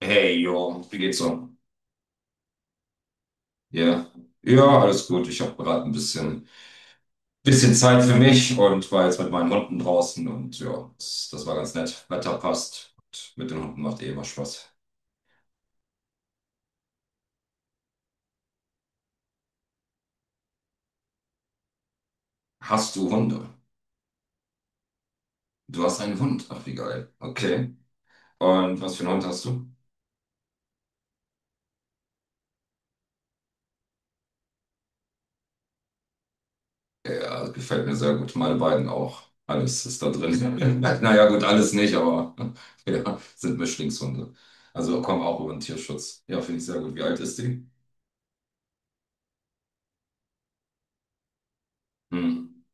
Hey, jo, wie geht's so? Ja, ja, alles gut. Ich habe gerade ein bisschen Zeit für mich und war jetzt mit meinen Hunden draußen und ja, das war ganz nett. Wetter passt und mit den Hunden macht eh immer Spaß. Hast du Hunde? Du hast einen Hund. Ach, wie geil. Okay. Und was für einen Hund hast du? Ja, gefällt mir sehr gut. Meine beiden auch. Alles ist da drin. Naja, gut, alles nicht, aber ja, sind Mischlingshunde. Also kommen auch über den Tierschutz. Ja, finde ich sehr gut. Wie alt ist die? Hm.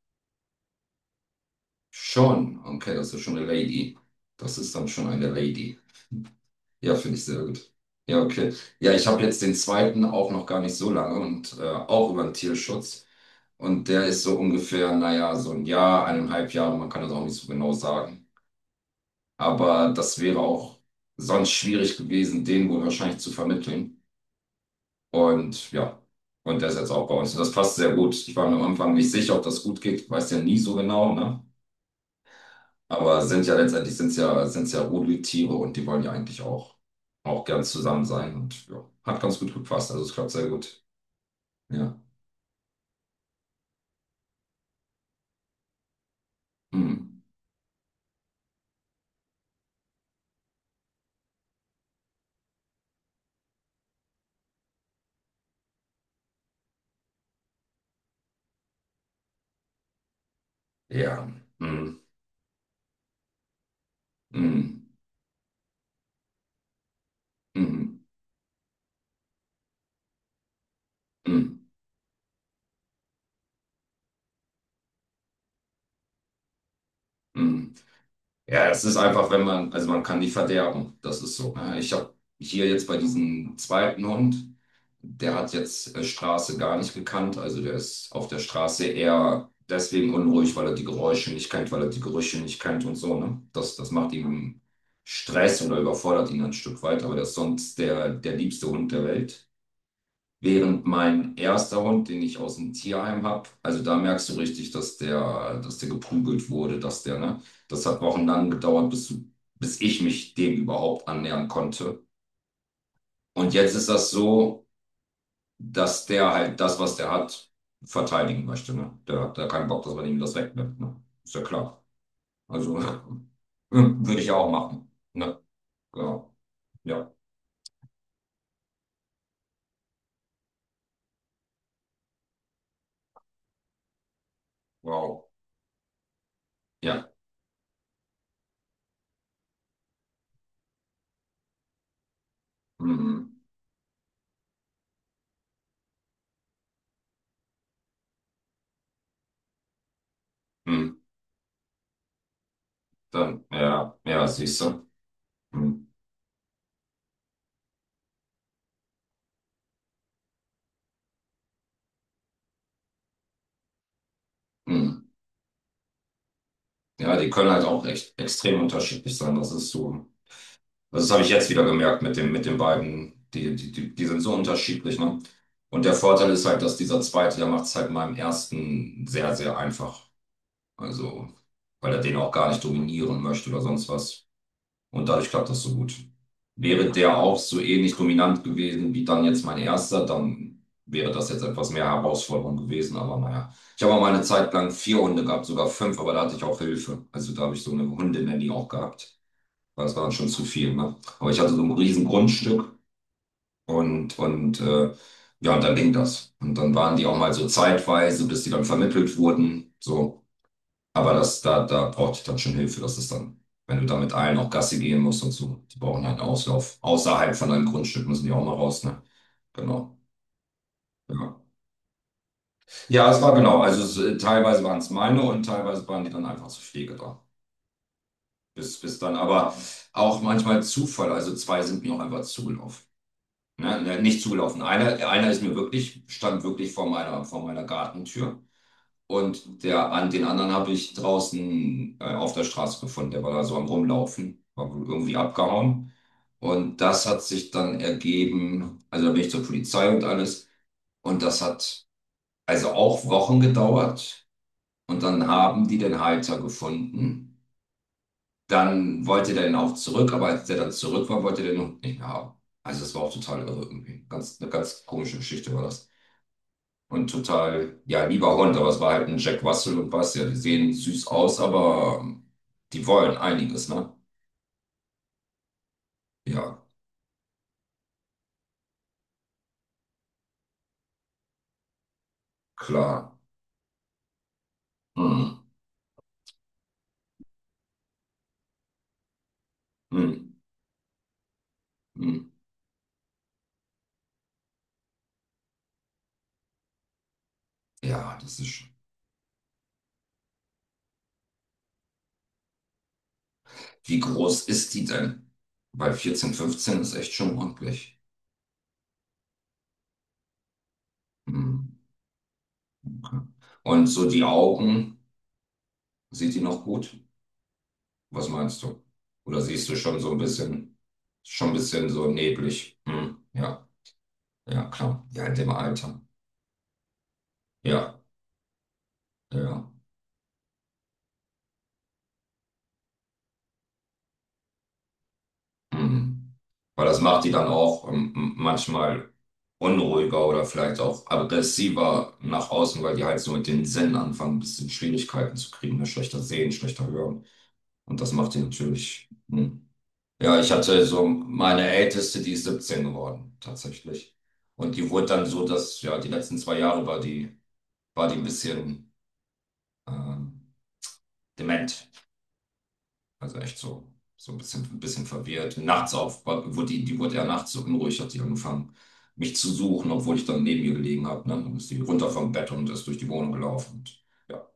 Schon, okay, das ist schon eine Lady. Das ist dann schon eine Lady. Ja, finde ich sehr gut. Ja, okay. Ja, ich habe jetzt den zweiten auch noch gar nicht so lange und auch über den Tierschutz. Und der ist so ungefähr, naja, so ein Jahr, 1,5 Jahre, man kann das auch nicht so genau sagen. Aber das wäre auch sonst schwierig gewesen, den wohl wahrscheinlich zu vermitteln. Und ja, und der ist jetzt auch bei uns. Und das passt sehr gut. Ich war mir am Anfang nicht sicher, ob das gut geht. Weiß ja nie so genau, ne? Aber sind ja letztendlich sind's ja Rudeltiere und die wollen ja eigentlich auch gern zusammen sein. Und ja, hat ganz gut gepasst. Also es klappt sehr gut. Ja. Mm. Ja. Mm. Mm. Mm. Mm. Mm. Mm. Ja, es ist einfach, wenn man, also man kann die verderben. Das ist so, ne? Ich habe hier jetzt bei diesem zweiten Hund, der hat jetzt Straße gar nicht gekannt. Also der ist auf der Straße eher deswegen unruhig, weil er die Geräusche nicht kennt, weil er die Gerüche nicht kennt und so, ne? Das, das macht ihm Stress oder überfordert ihn ein Stück weit. Aber der ist sonst der, der liebste Hund der Welt. Während mein erster Hund, den ich aus dem Tierheim habe, also da merkst du richtig, dass der geprügelt wurde, dass der, ne? Das hat wochenlang gedauert, bis ich mich dem überhaupt annähern konnte. Und jetzt ist das so, dass der halt das, was der hat, verteidigen möchte, ne? Der hat da keinen Bock, dass man ihm das wegnimmt, ne? Ist ja klar. Also würde ich ja auch machen, ne? Genau. Ja, wow. Ja, mhm. Mhm. Dann, ja, ja, siehst du. Mhm. Mhm. Ja, die können halt auch echt extrem unterschiedlich sein. Das ist so. Das habe ich jetzt wieder gemerkt mit dem, mit den beiden. Die sind so unterschiedlich, ne? Und der Vorteil ist halt, dass dieser zweite, der macht es halt meinem ersten sehr, sehr einfach. Also, weil er den auch gar nicht dominieren möchte oder sonst was. Und dadurch klappt das so gut. Wäre, ja, der auch so ähnlich dominant gewesen wie dann jetzt mein erster, dann wäre das jetzt etwas mehr Herausforderung gewesen. Aber naja, ich habe auch mal eine Zeit lang vier Hunde gehabt, sogar fünf, aber da hatte ich auch Hilfe. Also da habe ich so eine Hundenanny auch gehabt. Weil das war dann schon zu viel, ne? Aber ich hatte so ein riesen Grundstück und ja, und dann ging das. Und dann waren die auch mal so zeitweise, bis die dann vermittelt wurden. So. Aber das, da, da brauchte ich dann schon Hilfe. Das ist dann, wenn du da mit allen auch Gassi gehen musst und so, die brauchen halt einen Auslauf. Außerhalb von deinem Grundstück müssen die auch mal raus, ne? Genau. Ja, ja es war genau. Also es, teilweise waren es meine und teilweise waren die dann einfach zur Pflege da. Bis dann, aber auch manchmal Zufall. Also zwei sind mir auch einfach zugelaufen. Ne? Ne, nicht zugelaufen. Einer, einer ist mir wirklich, stand wirklich vor meiner Gartentür. Und der, an den anderen habe ich draußen auf der Straße gefunden. Der war da so am Rumlaufen, war wohl irgendwie abgehauen. Und das hat sich dann ergeben, also da bin ich zur Polizei und alles. Und das hat also auch Wochen gedauert. Und dann haben die den Halter gefunden. Dann wollte der den auch zurück, aber als der dann zurück war, wollte der den Hund nicht mehr haben. Also das war auch total irre irgendwie. Ganz, eine ganz komische Geschichte war das. Und total, ja, lieber Hund, aber es war halt ein Jack Russell und was, ja, die sehen süß aus, aber die wollen einiges, ne? Ja, klar. Hm, hm, hm. Ja, Wie groß ist die denn? Weil 14, 15 ist echt schon ordentlich. Hm, okay. Und so die Augen, sieht die noch gut? Was meinst du? Oder siehst du schon so ein bisschen, schon ein bisschen so neblig? Hm, ja, ja, klar. Ja, in dem Alter. Ja, ja. Ja. Mhm. Weil das macht die dann auch manchmal unruhiger oder vielleicht auch aggressiver nach außen, weil die halt so mit den Sinnen anfangen, ein bisschen Schwierigkeiten zu kriegen, ne? Schlechter sehen, schlechter hören. Und das macht die natürlich. Hm. Ja, ich hatte so meine Älteste, die ist 17 geworden, tatsächlich. Und die wurde dann so, dass ja die letzten 2 Jahre war die ein bisschen äh, dement. Also echt so, ein bisschen verwirrt. Nachts auf, die wurde ja nachts so unruhig, hat sie angefangen, mich zu suchen, obwohl ich dann neben ihr gelegen habe. Ne? Dann ist sie runter vom Bett und ist durch die Wohnung gelaufen. Und, ja.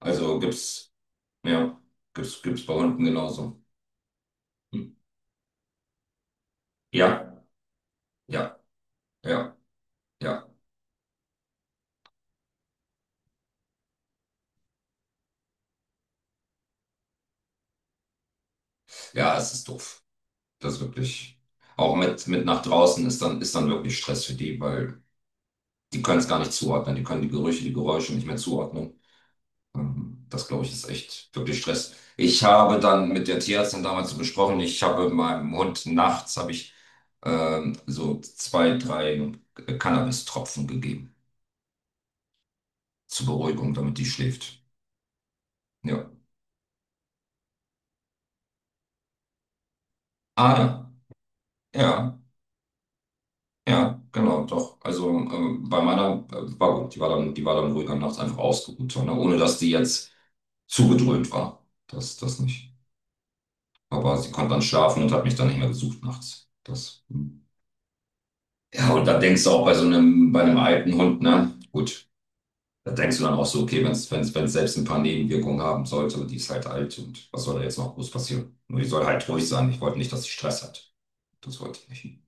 Also ja, gibt's bei Hunden genauso. Hm. Ja, ja, ja, ja. Ja, es ist doof. Das ist wirklich. Auch mit nach draußen ist dann, wirklich Stress für die, weil die können es gar nicht zuordnen. Die können die Gerüche, die Geräusche nicht mehr zuordnen. Das, glaube ich, ist echt wirklich Stress. Ich habe dann mit der Tierärztin damals so besprochen, ich habe meinem Hund nachts, habe ich so zwei, drei Cannabis-Tropfen gegeben zur Beruhigung, damit die schläft. Ja. Ah, ja, ja, ja, genau, doch. Also bei meiner war gut, die war dann ruhig am Nachts einfach ausgeruht, ne? Ohne dass die jetzt zugedröhnt war. Das, das nicht. Aber sie konnte dann schlafen und hat mich dann nicht mehr gesucht nachts. Das. Hm. Ja, und da denkst du auch bei so einem, bei einem alten Hund, ne? Gut, da denkst du dann auch so, okay, wenn es selbst ein paar Nebenwirkungen haben sollte und die ist halt alt und was soll da jetzt noch groß passieren? Nur die soll halt ruhig sein. Ich wollte nicht, dass sie Stress hat. Das wollte ich nicht.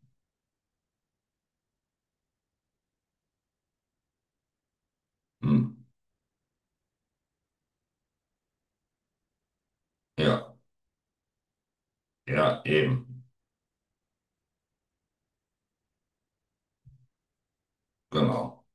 Hm. Ja, ja, eben. Genau.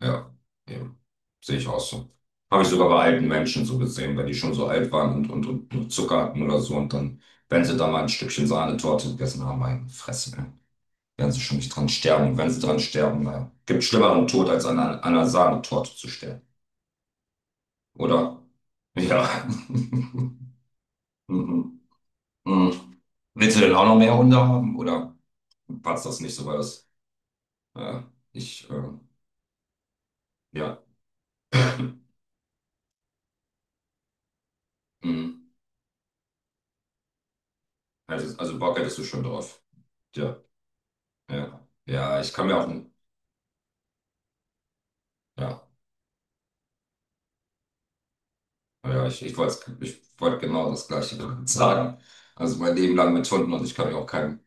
Ja, eben. Sehe ich auch so. Habe ich sogar bei alten Menschen so gesehen, wenn die schon so alt waren und nur Zucker hatten oder so und dann, wenn sie da mal ein Stückchen Sahnetorte gegessen haben, meine Fresse. Ne? Werden sie schon nicht dran sterben. Und wenn sie dran sterben, gibt schlimmeren Tod, als an einer Sahnetorte zu sterben. Oder? Ja. Mhm. Mhm. Willst du denn auch noch mehr Hunde haben? Oder passt das nicht so, weil das, äh, ich, ja, mhm. Also Bock hättest du schon drauf. Ja, ja, ja, ich kann mir auch, ja. Ja, ich wollte genau das Gleiche sagen. Also mein Leben lang mit Hunden und ich kann mir auch kein,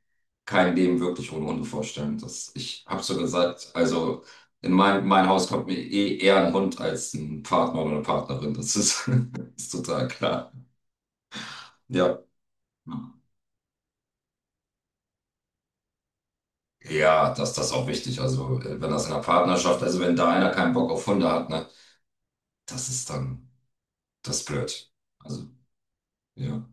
kein Leben wirklich ohne Hunde vorstellen. Das, ich habe so gesagt, also in mein Haus kommt mir eh eher ein Hund als ein Partner oder eine Partnerin. Das ist, ist total klar. Ja. Ja, das, das ist auch wichtig. Also wenn das in einer Partnerschaft, also wenn da einer keinen Bock auf Hunde hat, ne, das ist dann, das ist blöd. Also, ja.